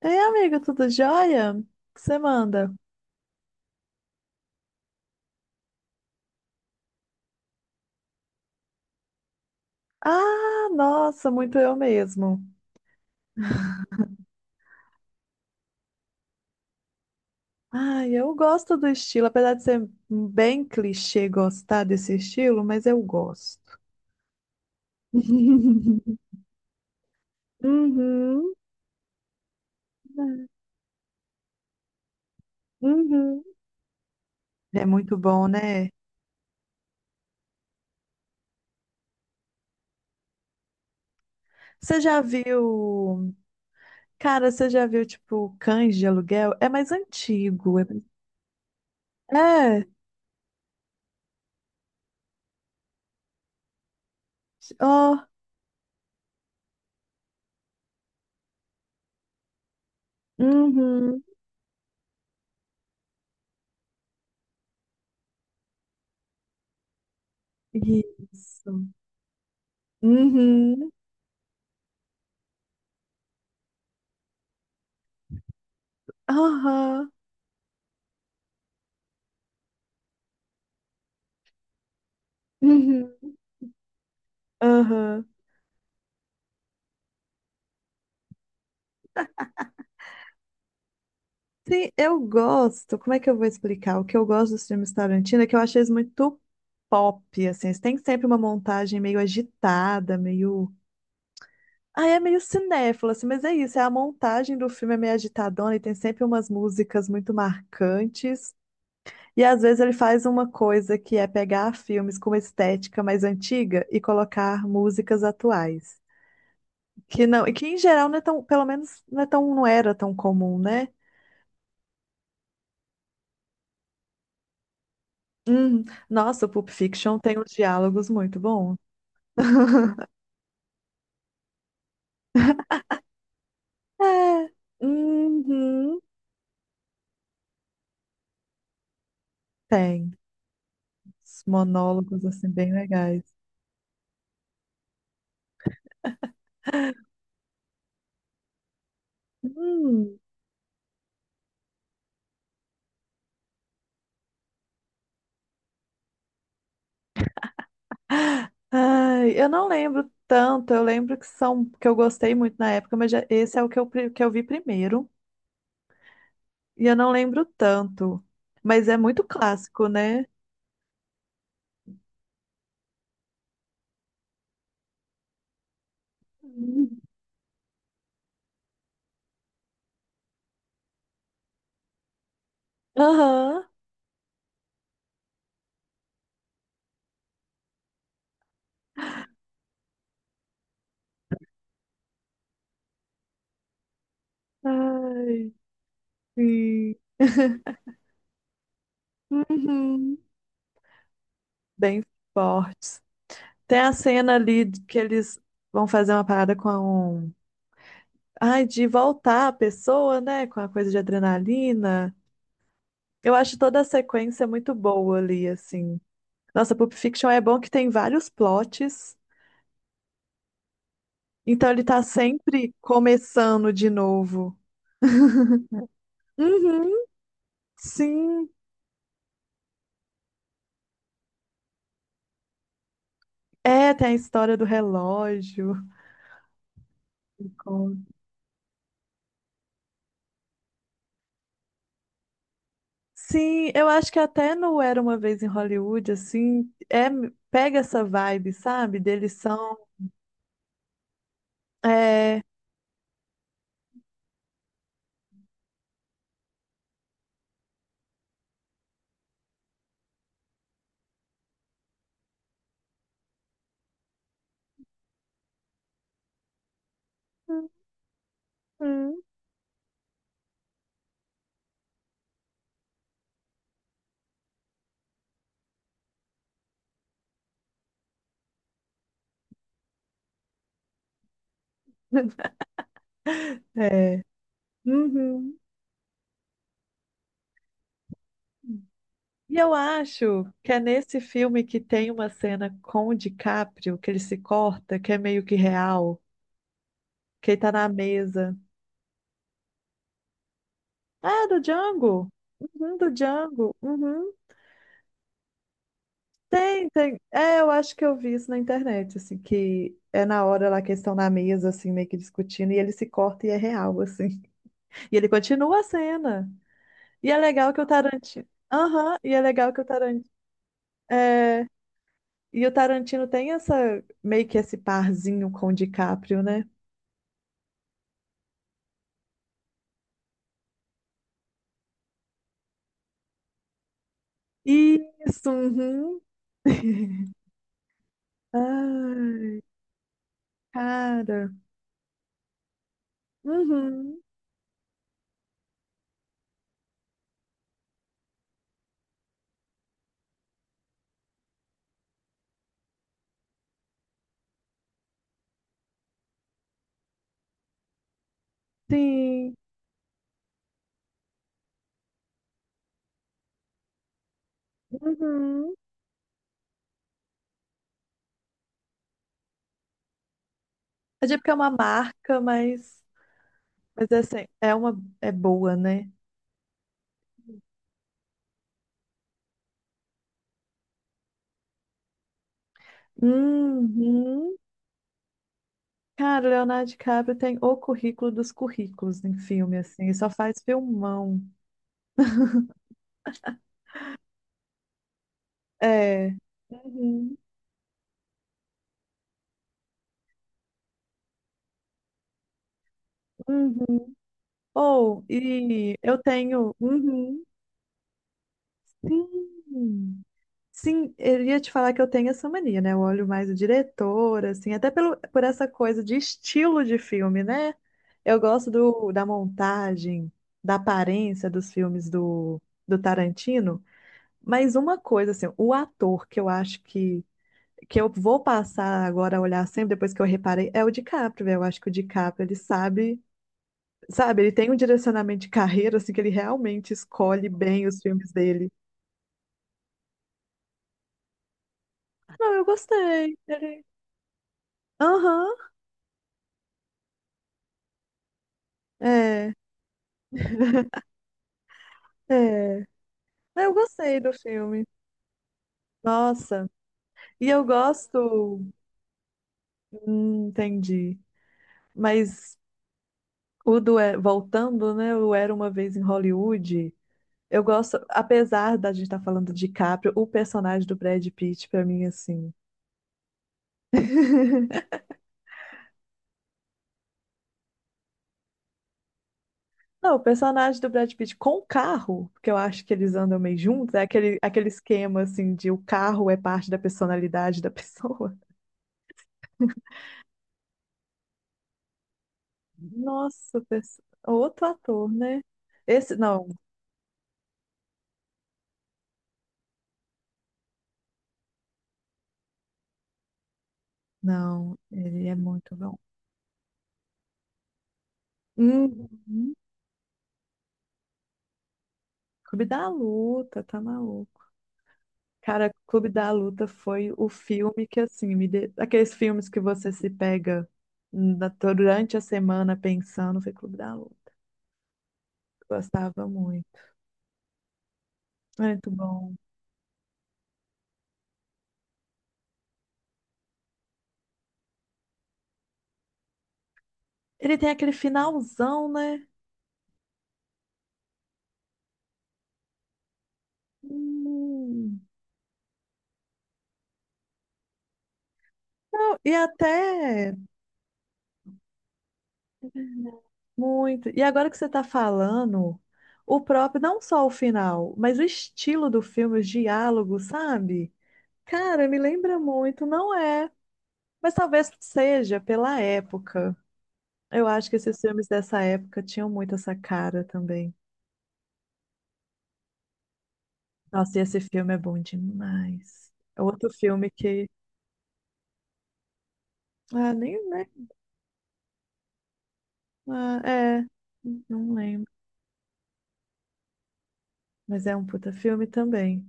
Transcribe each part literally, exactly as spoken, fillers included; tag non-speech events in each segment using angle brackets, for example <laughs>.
Ei, amigo, tudo jóia? O que você manda? Ah, nossa, muito eu mesmo. Ai, eu gosto do estilo, apesar de ser bem clichê gostar desse estilo, mas eu gosto. <laughs> Uhum, uhum. É muito bom, né? Você já viu. Cara, você já viu, tipo, Cães de Aluguel? É mais antigo. É, mais- é. Ó. Uhum. Isso. Uhum. Aham. Uhum. Aham. Sim, eu gosto. Como é que eu vou explicar? O que eu gosto dos filmes Tarantino é que eu acho eles muito pop, assim. Eles têm sempre uma montagem meio agitada, meio. Ah, é meio cinéfilo, assim, mas é isso. É a montagem do filme é meio agitadona e tem sempre umas músicas muito marcantes. E às vezes ele faz uma coisa que é pegar filmes com uma estética mais antiga e colocar músicas atuais. Que não, e que em geral não é tão, pelo menos não é tão, não era tão comum, né? Hum, nossa, o Pulp Fiction tem uns diálogos muito bons. <laughs> É, uhum, tem. Os monólogos, assim, bem legais. Hum, ai, eu não lembro tanto, eu lembro que são, que eu gostei muito na época, mas já- esse é o que eu, pri- que eu vi primeiro, e eu não lembro tanto. Mas é muito clássico, né? Uhum. Aham. Ai, sim. <laughs> Uhum. Bem forte. Tem a cena ali de que eles vão fazer uma parada com a um... Ai, de voltar a pessoa, né? Com a coisa de adrenalina. Eu acho toda a sequência muito boa ali, assim. Nossa, Pulp Fiction é bom que tem vários plots, então ele tá sempre começando de novo. Uhum, sim. É, tem a história do relógio. Me conta. Sim, eu acho que até no Era Uma Vez em Hollywood, assim, é, pega essa vibe, sabe? Deles são. É. Hum. <laughs> É. Uhum. E eu acho que é nesse filme que tem uma cena com o DiCaprio, que ele se corta, que é meio que real, que ele tá na mesa. Ah, do Django! Uhum, do Django. Uhum. Tem, tem. É, eu acho que eu vi isso na internet, assim, que é na hora lá que eles estão na mesa, assim, meio que discutindo, e ele se corta e é real, assim. E ele continua a cena. E é legal que o Tarantino. Aham, e é legal que o Tarantino. É, e o Tarantino tem essa meio que esse parzinho com o DiCaprio, né? Isso, uhum. <laughs> Ah, cara. Uhum. Sim. Uhum. É tipo que é uma marca, mas mas é assim, é uma é boa, né? Uhum. Cara, o Leonardo DiCaprio tem o currículo dos currículos em filme, assim, e só faz filmão. É. Uhum. Uhum. Ou, e eu tenho. Uhum. Sim, sim, eu ia te falar que eu tenho essa mania, né? Eu olho mais o diretor, assim, até pelo, por essa coisa de estilo de filme, né? Eu gosto do, da montagem, da aparência dos filmes do, do Tarantino, mas uma coisa, assim, o ator que eu acho que, que eu vou passar agora a olhar sempre, depois que eu reparei, é o DiCaprio, velho. Eu acho que o DiCaprio, ele sabe, sabe, ele tem um direcionamento de carreira, assim, que ele realmente escolhe bem os filmes dele. Não, eu gostei. Ele- aham, é, é. É, eu gostei do filme. Nossa, e eu gosto. Hum, entendi. Mas o do É- voltando, né? O Era Uma Vez em Hollywood. Eu gosto, apesar da gente estar falando de Caprio, o personagem do Brad Pitt, pra mim, assim. <laughs> Não, o personagem do Brad Pitt com o carro, porque eu acho que eles andam meio juntos, é aquele, aquele esquema, assim, de o carro é parte da personalidade da <laughs> pessoa. Nossa, pers- outro ator, né? Esse, não, não, ele é muito bom. Uhum. Clube da Luta, tá maluco. Cara, Clube da Luta foi o filme que, assim, me de... aqueles filmes que você se pega na- durante a semana pensando, foi Clube da Luta. Gostava muito. Muito bom. Ele tem aquele finalzão, né? Hum. E até muito. E agora que você está falando, o próprio, não só o final, mas o estilo do filme, os diálogos, sabe? Cara, me lembra muito, não é? Mas talvez seja pela época. Eu acho que esses filmes dessa época tinham muito essa cara também. Nossa, e esse filme é bom demais. É outro filme que. Ah, nem, né? Ah, é. Não lembro. Mas é um puta filme também.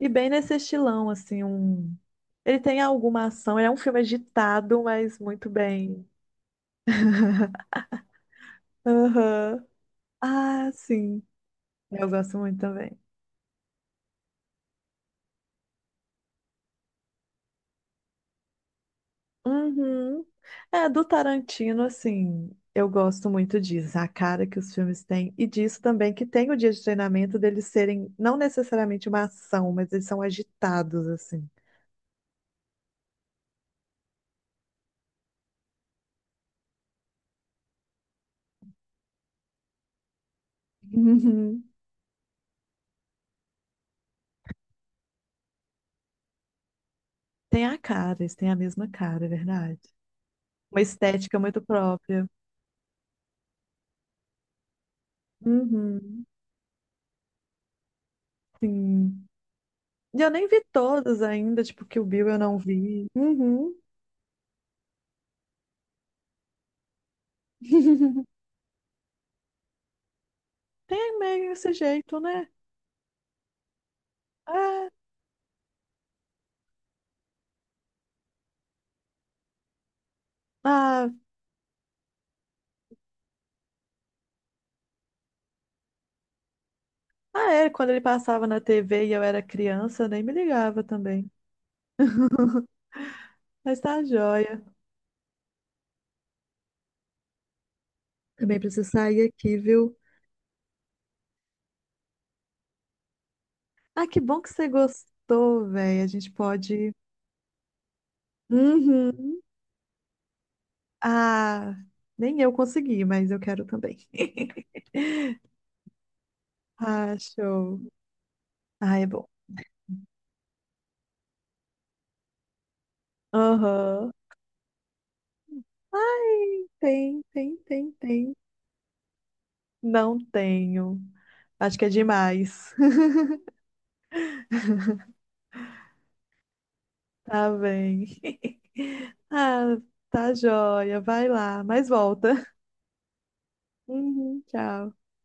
E bem nesse estilão, assim, um. Ele tem alguma ação, ele é um filme agitado, mas muito bem. <laughs> Aham. Ah, sim. Eu gosto muito também. Uhum. É, do Tarantino, assim, eu gosto muito disso, a cara que os filmes têm, e disso também que tem o dia de treinamento deles serem não necessariamente uma ação, mas eles são agitados, assim. Uhum. Tem a cara, eles têm a mesma cara, é verdade. Uma estética muito própria. Uhum. Sim. E eu nem vi todas ainda, tipo, que o Bill eu não vi. Uhum. <laughs> Tem meio esse jeito, né? É. Ah, ah, é, quando ele passava na T V e eu era criança, eu nem me ligava também. <laughs> Mas tá joia. Também preciso sair aqui, viu? Ah, que bom que você gostou, velho. A gente pode. Uhum. Ah, nem eu consegui, mas eu quero também. <laughs> Ah, show. Ah, é bom. Aham. Tem, tem, tem, tem. Não tenho. Acho que é demais. <laughs> Tá bem. <laughs> Ah, tá joia. Vai lá, mas volta. Uhum, tchau.